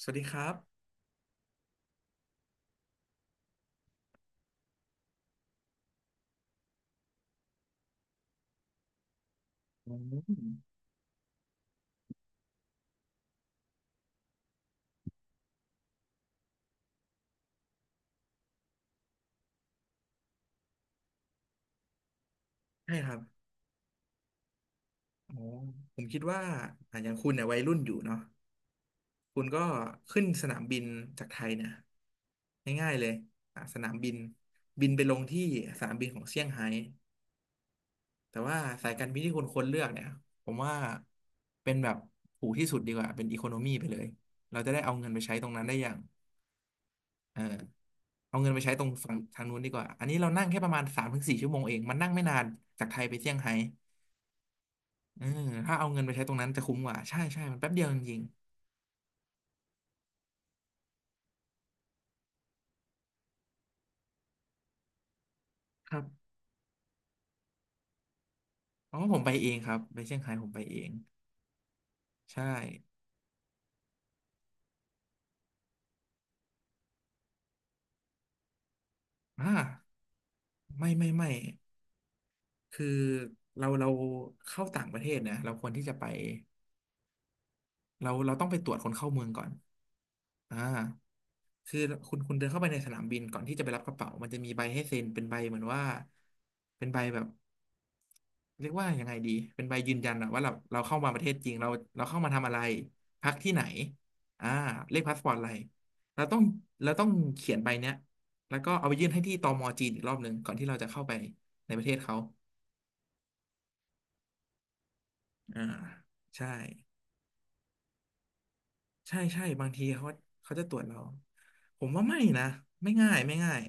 สวัสดีครับอืมใช่ครับอ๋อผมคิดว่าอ่ะอย่างคุณเนี่ยวัยรุ่นอยู่เนาะคุณก็ขึ้นสนามบินจากไทยเนี่ยง่ายๆเลยอ่ะสนามบินบินไปลงที่สนามบินของเซี่ยงไฮ้แต่ว่าสายการบินที่คุณควรเลือกเนี่ยผมว่าเป็นแบบถูกที่สุดดีกว่าเป็นอีโคโนมีไปเลยเราจะได้เอาเงินไปใช้ตรงนั้นได้อย่างเออเอาเงินไปใช้ตรงฝั่งทางนู้นดีกว่าอันนี้เรานั่งแค่ประมาณ3 ถึง 4 ชั่วโมงเองมันนั่งไม่นานจากไทยไปเซี่ยงไฮ้ เออถ้าเอาเงินไปใช้ตรงนั้นจะคุ้มกว่าใช่ใช่มันแป๊บเดียวจริงๆครับเพราะว่าผมไปเองครับไปเซี่ยงไฮ้ผมไปเองใช่อ่าไม่คือเราเข้าต่างประเทศเนี่ยเราควรที่จะไปเราต้องไปตรวจคนเข้าเมืองก่อนอ่าคือคุณเดินเข้าไปในสนามบินก่อนที่จะไปรับกระเป๋ามันจะมีใบให้เซ็นเป็นใบเหมือนว่าเป็นใบแบบ เรียกว่ายังไงดี เป็นใบยืนยันอะว่าเราเข้ามาประเทศจริงเราเราเข้ามาทำอะไรพักที่ไหนอ่าเลขพาสปอร์ตอะไรเราต้องเราต้องเขียนใบเนี้ยแล้วก็เอาไปยื่นให้ที่ตมจีนอีกรอบหนึ่งก่อนที่เราจะเข้าไปในประเทศเขาอ่าใช่ ใช่บางทีเขาเขาจะตรวจเราผมว่าไม่นะไม่ง่าย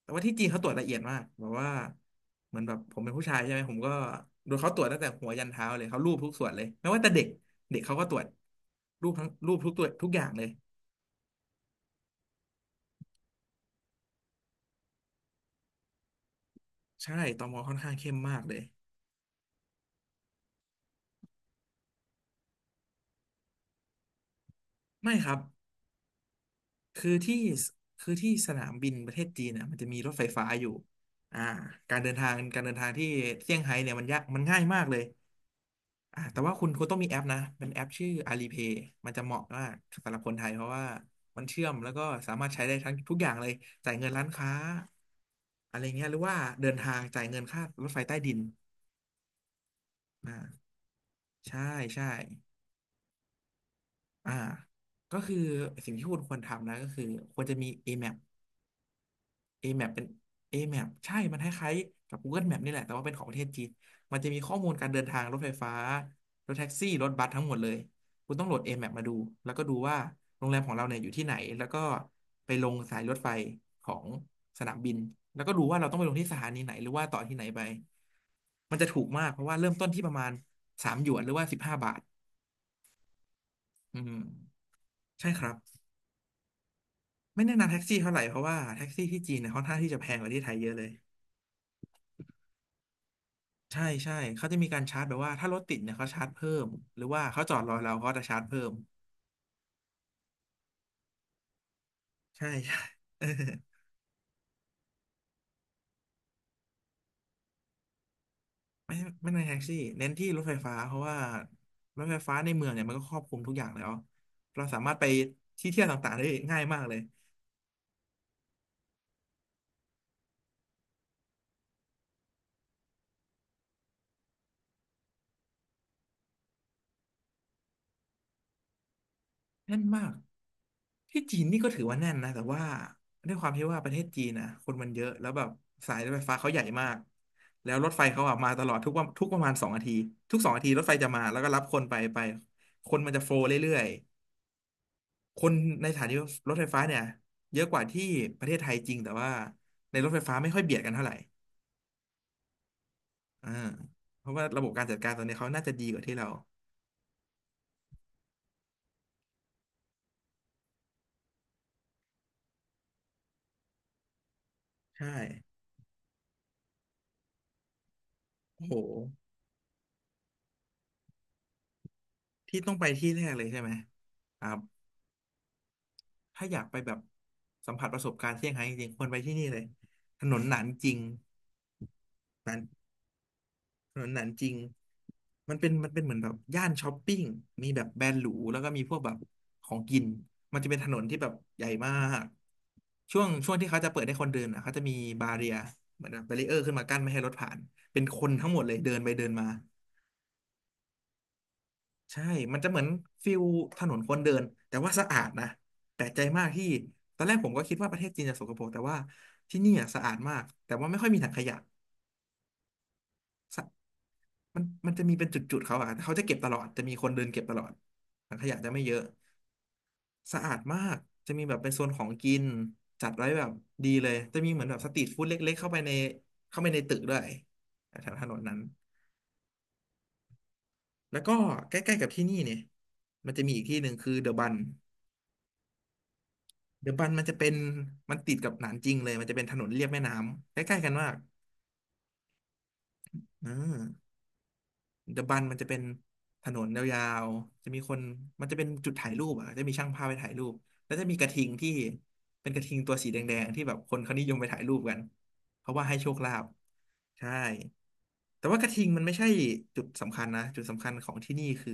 แต่ว่าที่จีนเขาตรวจละเอียดมากแบบว่าเหมือนแบบผมเป็นผู้ชายใช่ไหมผมก็โดนเขาตรวจตั้งแต่หัวยันเท้าเลยเขารูปทุกส่วนเลยไม่ว่าแต่เด็กเด็กเขาก็ตรวจรูปทั้งรูปทุกตัวทุกอย่างเลยใช่ตมค่อนข้างเข้มมากเลยไม่ครับคือที่คือที่สนามบินประเทศจีนน่ะมันจะมีรถไฟฟ้าอยู่อ่าการเดินทางการเดินทางที่เซี่ยงไฮ้เนี่ยมันยากมันง่ายมากเลย อ่ะแต่ว่าคุณต้องมีแอปนะเป็นแอปชื่อ Alipay มันจะเหมาะมากสำหรับคนไทยเพราะว่ามันเชื่อมแล้วก็สามารถใช้ได้ทั้งทุกอย่างเลยจ่ายเงินร้านค้าอะไรเงี้ยหรือว่าเดินทางจ่ายเงินค่ารถไฟใต้ดินอ่าใช่ใช่อ่าก็คือสิ่งที่คุณควรทำนะก็คือควรจะมี AMAP AMAP เป็น AMAP ใช่ มันคล้ายๆกับ Google Map นี่แหละ แต่ว่าเป็นของประเทศจีนมันจะมีข้อมูลการเดินทางรถไฟฟ้ารถแท็กซี่รถบัสทั้งหมดเลยคุณต้องโหลด AMAP มาดูแล้วก็ดูว่าโรงแรมของเราเนี่ยอยู่ที่ไหนแล้วก็ไปลงสายรถไฟของสนามบินแล้วก็ดูว่าเราต้องไปลงที่สถานีไหนหรือว่าต่อที่ไหนไปมันจะถูกมากเพราะว่าเริ่มต้นที่ประมาณ3 หยวนหรือว่า15 บาทอืมใช่ครับไม่แนะนำแท็กซี่เท่าไหร่เพราะว่าแท็กซี่ที่จีนเนี่ยค่อนข้างที่จะแพงกว่าที่ไทยเยอะเลย ใช่เขาจะมีการชาร์จแบบว่าถ้ารถติดเนี่ยเขาชาร์จเพิ่มหรือว่าเขาจอดรอเราเขาจะชาร์จเพิ่มใช่ใช่ เออไม่ไม่ในนแท็กซี่เน้นที่รถไฟฟ้าเพราะว่ารถไฟฟ้าในเมืองเนี่ยมันก็ครอบคลุมทุกอย่างแล้วเราสามารถไปที่เที่ยวต่างๆได้ง่ายมากเลยแน่นมากที่จีนนี่ก็ถือว่าแน่นนะแต่ว่าด้วยความที่ว่าประเทศจีนนะคนมันเยอะแล้วแบบสายรถไฟฟ้าเขาใหญ่มากแล้วรถไฟเขาอะมาตลอดทุกวันทุกประมาณสองนาทีทุกสองนาทีรถไฟจะมาแล้วก็รับคนไปไปคนมันจะโฟลว์เรื่อย คนในสถานีรถไฟฟ้าเนี่ยเยอะกว่าที่ประเทศไทยจริงแต่ว่าในรถไฟฟ้าไม่ค่อยเบียดกันเท่าไหร่อ่าเพราะว่าระบบการจัดการตอนนี้เขาน่าจะดีกว่าที่เราใช่โอ้โหที่ต้องไปที่แรกเลยใช่ไหมครับถ้าอยากไปแบบสัมผัสประสบการณ์เซี่ยงไฮ้จริงๆควรไปที่นี่เลยถนนหนานจริงหนาน ถนนหนานจริงมันเป็นเหมือนแบบย่านช้อปปิ้งมีแบบแบรนด์หรูแล้วก็มีพวกแบบของกินมันจะเป็นถนนที่แบบใหญ่มากช่วงที่เขาจะเปิดให้คนเดินอ่ะเขาจะมีบาเรียเหมือนแบบแบรีเออร์ขึ้นมากั้นไม่ให้รถผ่านเป็นคนทั้งหมดเลยเดินไปเดินมาใช่มันจะเหมือนฟิลถนนคนเดินแต่ว่าสะอาดนะแปลกใจมากที่ตอนแรกผมก็คิดว่าประเทศจีนจะสกปรกแต่ว่าที่นี่อะสะอาดมากแต่ว่าไม่ค่อยมีถังขยะ มันจะมีเป็นจุดๆเขาอะเขาจะเก็บตลอดจะมีคนเดินเก็บตลอดถังขยะจะไม่เยอะสะอาดมากจะมีแบบเป็นโซนของกินจัดไว้แบบดีเลยจะมีเหมือนแบบสตรีทฟู้ดเล็กๆเข้าไปในตึกด้วยแถวถนนนั้นแล้วก็ใกล้ๆกับที่นี่เนี่ยมันจะมีอีกที่หนึ่งคือเดอะบันเดอะบันมันจะเป็นมันติดกับหนานจริงเลยมันจะเป็นถนนเลียบแม่น้ำใกล้ๆกันมากอ่า เดอะบันมันจะเป็นถนนยาวๆจะมีคนมันจะเป็นจุดถ่ายรูปอ่ะจะมีช่างภาพไปถ่ายรูปแล้วจะมีกระทิงที่เป็นกระทิงตัวสีแดงๆที่แบบคนเขานิยมไปถ่ายรูปกันเพราะว่าให้โชคลาภใช่แต่ว่ากระทิงมันไม่ใช่จุดสำคัญนะจุดสำคัญของที่นี่คือ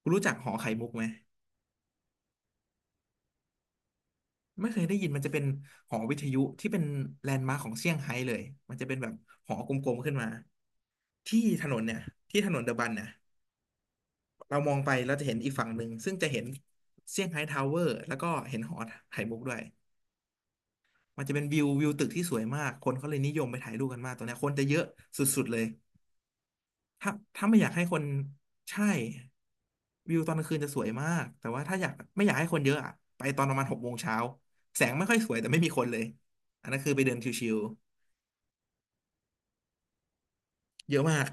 คุณรู้จักหอไข่มุกไหมไม่เคยได้ยินมันจะเป็นหอวิทยุที่เป็นแลนด์มาร์คของเซี่ยงไฮ้เลยมันจะเป็นแบบหอกลมๆขึ้นมาที่ถนนเนี่ยที่ถนนเดอะบันเนี่ย เรามองไปเราจะเห็นอีกฝั่งหนึ่งซึ่งจะเห็นเซี่ยงไฮ้ทาวเวอร์แล้วก็เห็นหอไข่มุกด้วยมันจะเป็นวิวตึกที่สวยมากคนเขาเลยนิยมไปถ่ายรูปกันมากตรงเนี้ยคนจะเยอะสุดๆเลยถ้าถ้าไม่อยากให้คนใช่วิวตอนกลางคืนจะสวยมากแต่ว่าถ้าอยากไม่อยากให้คนเยอะอะไปตอนประมาณหกโมงเช้าแสงไม่ค่อยสวยแต่ไม่มีคนเลยอันนั้นคือไปเดินชิวๆเยอะมาก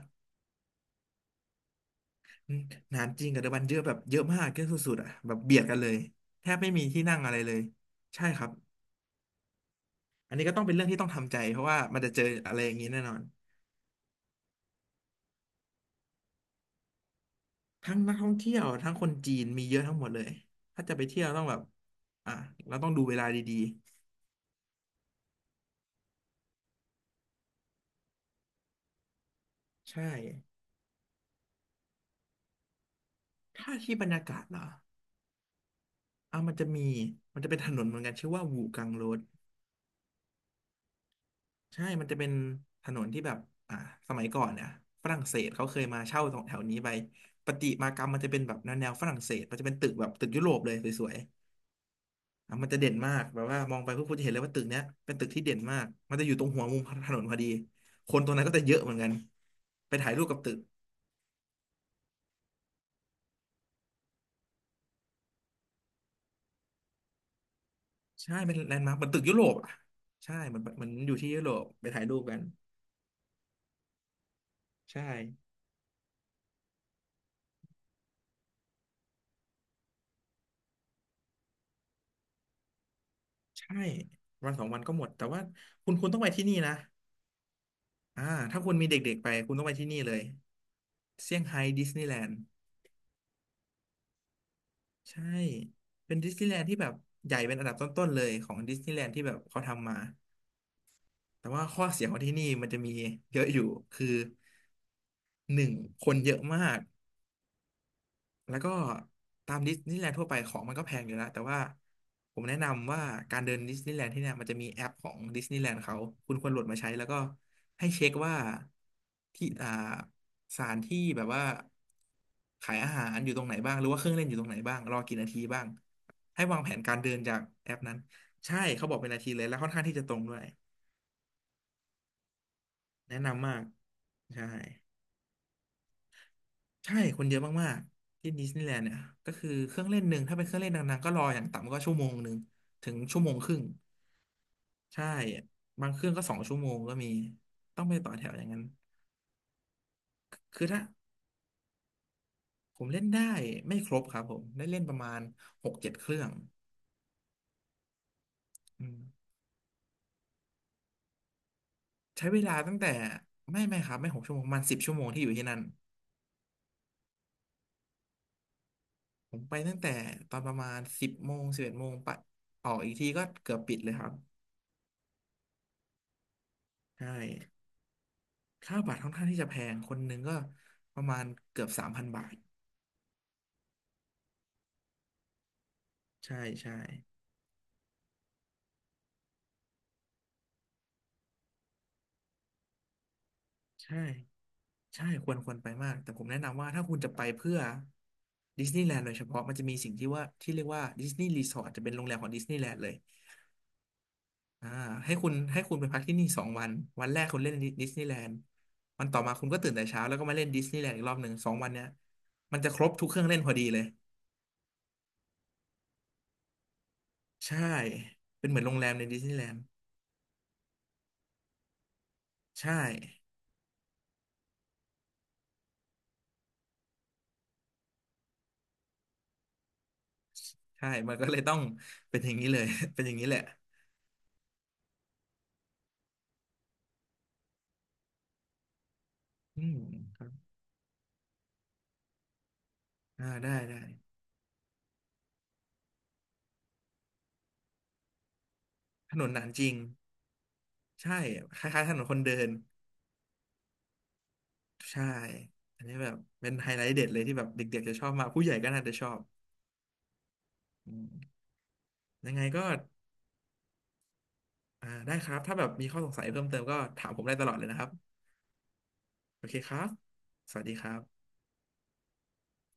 อืมนานจริงกับเดอะบันเยอะแบบเยอะมากเยอะสุดๆอ่ะแบบเบียดกันเลยแทบไม่มีที่นั่งอะไรเลยใช่ครับ อันนี้ก็ต้องเป็นเรื่องที่ต้องทำใจเพราะว่ามันจะเจออะไรอย่างนี้แน่นอนทั้งนักท่องเที่ยวทั้งคนจีนมีเยอะทั้งหมดเลยถ้าจะไปเที่ยวต้องแบบอ่ะเราต้องดูเวลาดีๆใช่ถ้าที่บรรยากาศเหรออ่ะมันจะมีมันจะเป็นถนนเหมือนกันชื่อว่าวูกังโรดใช่ มันจะเป็นถนนที่แบบอ่ะสมัยก่อนเนี่ยฝรั่งเศสเขาเคยมาเช่าตรงแถวนี้ไปประติมากรรมมันจะเป็นแบบแนวฝรั่งเศสมันจะเป็นตึกแบบตึกยุโรปเลยสวย อ่ะมันจะเด่นมากแบบว่ามองไปพวกคุณจะเห็นเลยว่าตึกเนี้ยเป็นตึกที่เด่นมากมันจะอยู่ตรงหัวมุมถนนพอดีคนตรงนั้นก็จะเยอะเหมือนกันไปถ่ายรูปกับตึกใช่เป็นแลนด์มาร์คเหมือนตึกยุโรปอ่ะใช่เหมอนอยู่ที่ยุโรปไปถ่ายรูปกันใช่ใช่วันสองวันก็หมดแต่ว่าคุณต้องไปที่นี่นะอ่าถ้าคุณมีเด็กๆไปคุณต้องไปที่นี่เลยเซี่ยงไฮ้ดิสนีย์แลนด์ใช่เป็นดิสนีย์แลนด์ที่แบบใหญ่เป็นอันดับต้นๆเลยของดิสนีย์แลนด์ที่แบบเขาทำมา แต่ว่าข้อเสียของที่นี่มันจะมีเยอะอยู่คือหนึ่งคนเยอะมากแล้วก็ตามดิสนีย์แลนด์ทั่วไปของมันก็แพงอยู่แล้วแต่ว่าผมแนะนำว่าการเดินดิสนีย์แลนด์ที่เนี่ยมันจะมีแอปของดิสนีย์แลนด์เขาคุณควรโหลดมาใช้แล้วก็ให้เช็คว่าที่สถานที่แบบว่าขายอาหารอยู่ตรงไหนบ้างหรือว่าเครื่องเล่นอยู่ตรงไหนบ้างรอกี่นาทีบ้างให้วางแผนการเดินจากแอปนั้นใช่เขาบอกเป็นนาทีเลยแล้วค่อนข้างที่จะตรงด้วยแนะนำมากใช่ ใช่คนเยอะมากๆที่ดิสนีย์แลนด์เนี่ยก็คือเครื่องเล่นหนึ่งถ้าเป็นเครื่องเล่นดังๆก็รออย่างต่ำก็ชั่วโมงหนึ่งถึงชั่วโมงครึ่งใช่บางเครื่องก็สองชั่วโมงก็มีต้องไปต่อแถวอย่างนั้นคือถ้าผมเล่นได้ไม่ครบครับผมได้เล่นประมาณ6-7 เครื่องอืมใช้เวลาตั้งแต่ไม่ครับไม่6 ชั่วโมงประมาณ10 ชั่วโมงที่อยู่ที่นั่นผมไปตั้งแต่ตอนประมาณ10 โมง 11 โมงไปออกอีกทีก็เกือบปิดเลยครับใช่ ค่าบัตรค่อนข้างที่จะแพงคนหนึ่งก็ประมาณเกือบ3,000 บาทใช่ใช่ใช่ใช่ควรไปมากแต่ผมแนะนำว่าถ้าคุณจะไปเพื่อดิสนีย์แลนด์โดยเฉพาะมันจะมีสิ่งที่ว่าที่เรียกว่าดิสนีย์รีสอร์ทจะเป็นโรงแรมของดิสนีย์แลนด์เลยอ่าให้คุณไปพักที่นี่สองวันวันแรกคุณเล่นดิสนีย์แลนด์วันต่อมาคุณก็ตื่นแต่เช้าแล้วก็มาเล่นดิสนีย์แลนด์อีกรอบหนึ่งสองวันเนี้ยมันจะครบทุกเครื่องเล่นพอดีเลยใช่เป็นเหมือนโรงแรมในดิสนีย์แลนด์ใช่ ใช่มันก็เลยต้องเป็นอย่างนี้เลย เป็นอย่างนี้แหละอืมครับอ่าได้ได้ถนนหนานจริงใช่คล้ายๆถนนคนเดินใช่อันนี้แบบเป็นไฮไลท์เด็ดเลยที่แบบเด็กๆจะชอบมากผู้ใหญ่ก็น่าจะชอบอืมยังไงก็อ่าได้ครับถ้าแบบมีข้อสงสัยเพิ่มเติมก็ถามผมได้ตลอดเลยนะครับโอเคครับสวัสดีครับ